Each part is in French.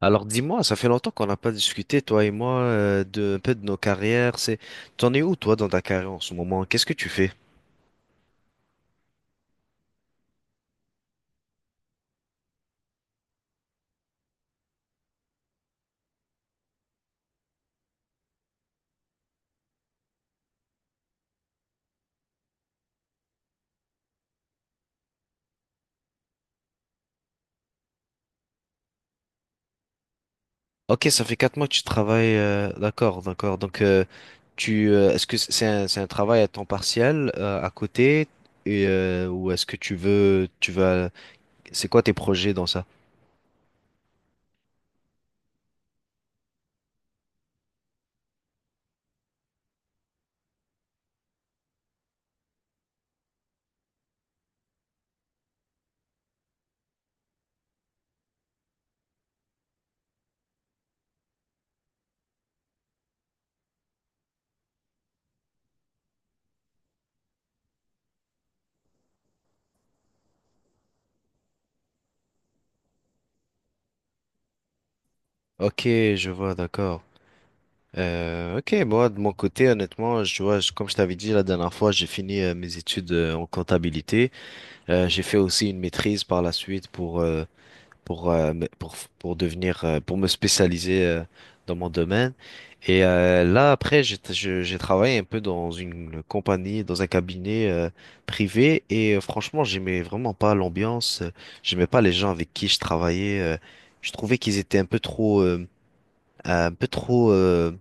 Alors dis-moi, ça fait longtemps qu'on n'a pas discuté, toi et moi, un peu de nos carrières. T'en es où toi dans ta carrière en ce moment? Qu'est-ce que tu fais? Ok, ça fait 4 mois que tu travailles. D'accord, d'accord. Donc est-ce que c'est c'est un travail à temps partiel à côté ou est-ce que tu vas, c'est quoi tes projets dans ça? Ok, je vois, d'accord. Ok, moi de mon côté, honnêtement, comme je t'avais dit la dernière fois, j'ai fini mes études en comptabilité. J'ai fait aussi une maîtrise par la suite pour devenir, pour me spécialiser dans mon domaine. Après, j'ai travaillé un peu dans une compagnie, dans un cabinet privé. Franchement, j'aimais vraiment pas l'ambiance. J'aimais pas les gens avec qui je travaillais. Je trouvais qu'ils étaient un peu trop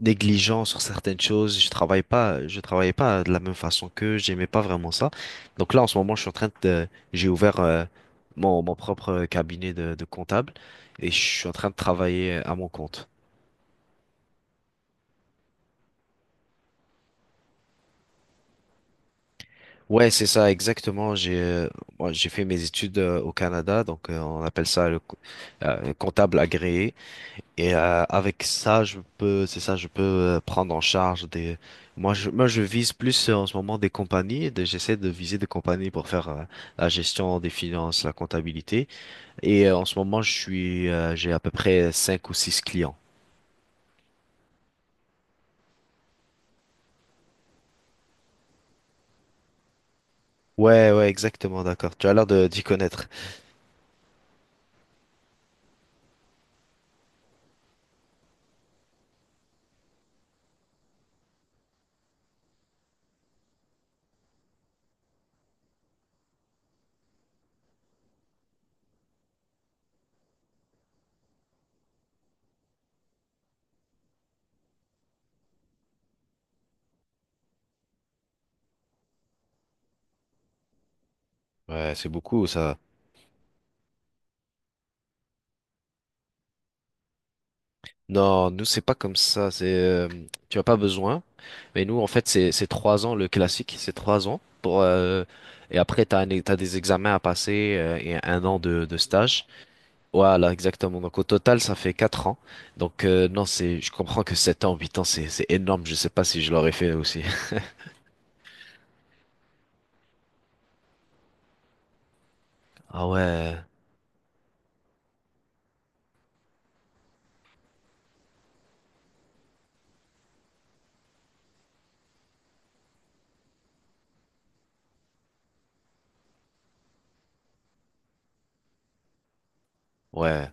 négligent sur certaines choses. Je travaillais pas de la même façon, que j'aimais pas vraiment ça. Donc là, en ce moment, je suis en train de, j'ai ouvert mon propre cabinet de comptable et je suis en train de travailler à mon compte. Ouais, c'est ça, exactement. J'ai fait mes études au Canada, on appelle ça le comptable agréé. Avec ça, c'est ça, je peux prendre en charge des. Moi, je vise plus en ce moment des compagnies. J'essaie de viser des compagnies pour faire la gestion des finances, la comptabilité. En ce moment, j'ai à peu près cinq ou six clients. Ouais, ouais, exactement, d'accord. Tu as l'air de d'y connaître. Ouais, c'est beaucoup ça. Non, nous, c'est pas comme ça. Tu as pas besoin. Mais nous, en fait, c'est 3 ans, le classique, c'est 3 ans pour et après t'as des examens à passer et 1 an de stage. Voilà, exactement. Donc au total, ça fait 4 ans. Non, c'est je comprends que 7 ans, 8 ans, c'est énorme. Je sais pas si je l'aurais fait aussi. Ah ouais, ouais.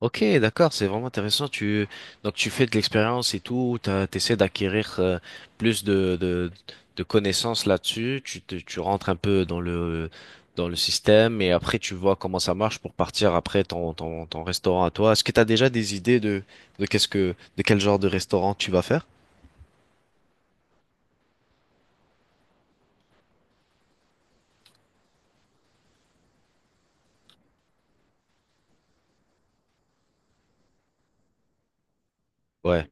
Ok, d'accord, c'est vraiment intéressant. Tu Donc tu fais de l'expérience et tout, t'essaies d'acquérir plus de connaissances là-dessus. Tu rentres un peu dans le système et après tu vois comment ça marche pour partir après ton restaurant à toi. Est-ce que t'as déjà des idées de qu'est-ce que de quel genre de restaurant tu vas faire? Ouais.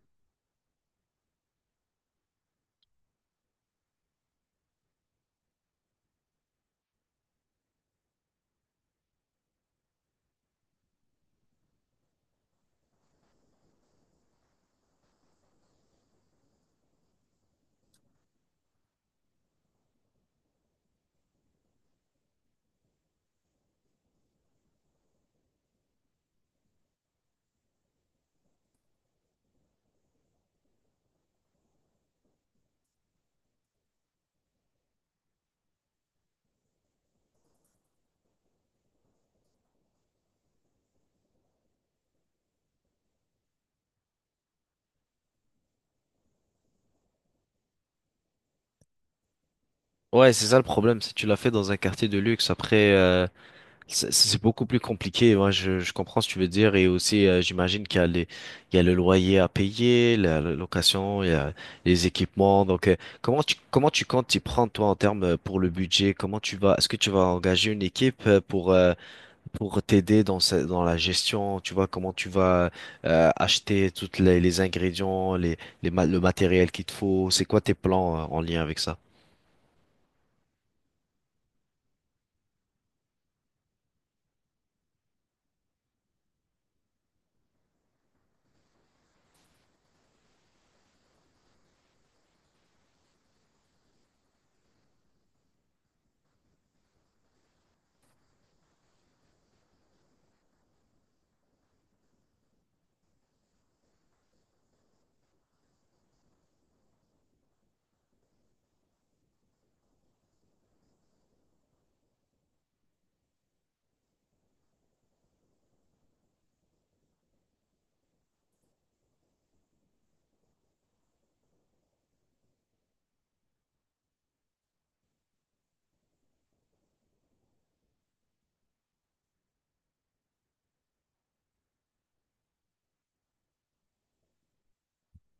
Ouais, c'est ça le problème, c'est que tu l'as fait dans un quartier de luxe. C'est beaucoup plus compliqué, ouais, je comprends ce que tu veux dire et aussi j'imagine qu'il y a les, il y a le loyer à payer, la location, il y a les équipements. Comment tu comptes t'y prendre toi en termes pour le budget? Comment tu vas Est-ce que tu vas engager une équipe pour t'aider dans la gestion, tu vois comment tu vas acheter toutes les ingrédients, le matériel qu'il te faut, c'est quoi tes plans en lien avec ça?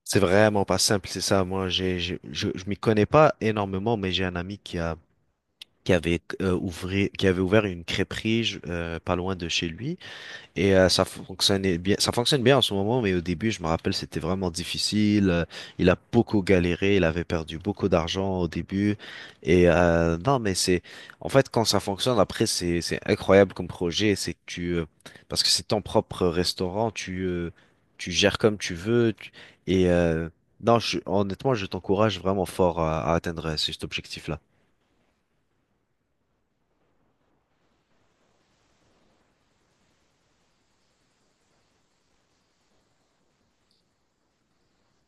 C'est vraiment pas simple, c'est ça. Moi, je m'y connais pas énormément, mais j'ai un ami qui avait, qui avait ouvert une crêperie pas loin de chez lui. Ça fonctionne bien en ce moment, mais au début, je me rappelle, c'était vraiment difficile. Il a beaucoup galéré, il avait perdu beaucoup d'argent au début. Et non, mais c'est, En fait, quand ça fonctionne, après, c'est incroyable comme projet. Parce que c'est ton propre restaurant, tu gères comme tu veux. Et euh, non, honnêtement, je t'encourage vraiment fort à atteindre cet objectif-là.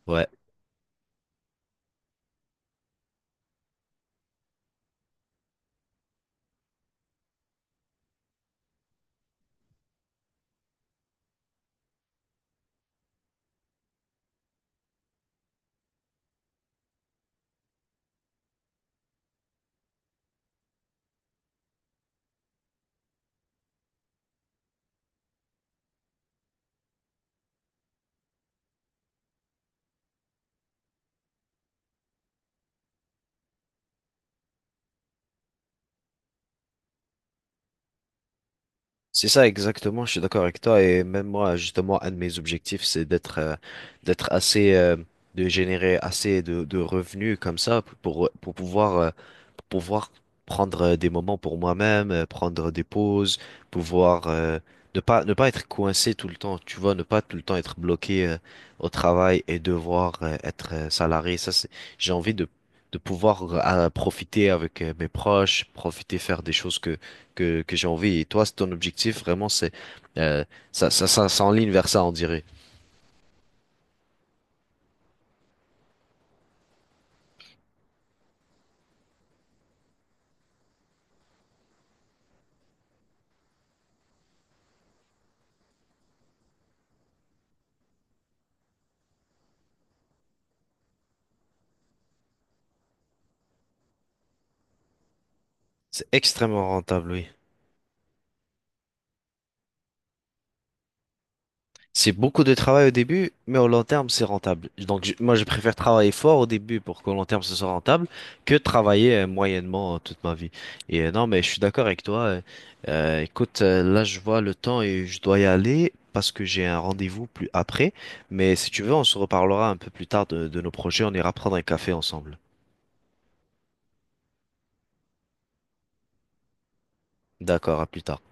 Ouais. C'est ça exactement, je suis d'accord avec toi et même moi justement un de mes objectifs c'est d'être d'être assez de générer assez de revenus comme ça pour pouvoir pouvoir prendre des moments pour moi-même, prendre des pauses, pouvoir ne pas être coincé tout le temps, tu vois, ne pas tout le temps être bloqué au travail et devoir être salarié. J'ai envie de pouvoir profiter avec mes proches, profiter faire des choses que j'ai envie. Et toi, c'est ton objectif vraiment, c'est euh, ça s'enligne vers ça, on dirait. C'est extrêmement rentable, oui. C'est beaucoup de travail au début, mais au long terme, c'est rentable. Donc, moi, je préfère travailler fort au début pour qu'au long terme, ce soit rentable que de travailler moyennement toute ma vie. Non, mais je suis d'accord avec toi. Écoute, là, je vois le temps et je dois y aller parce que j'ai un rendez-vous plus après. Mais si tu veux, on se reparlera un peu plus tard de nos projets. On ira prendre un café ensemble. D'accord, à plus tard.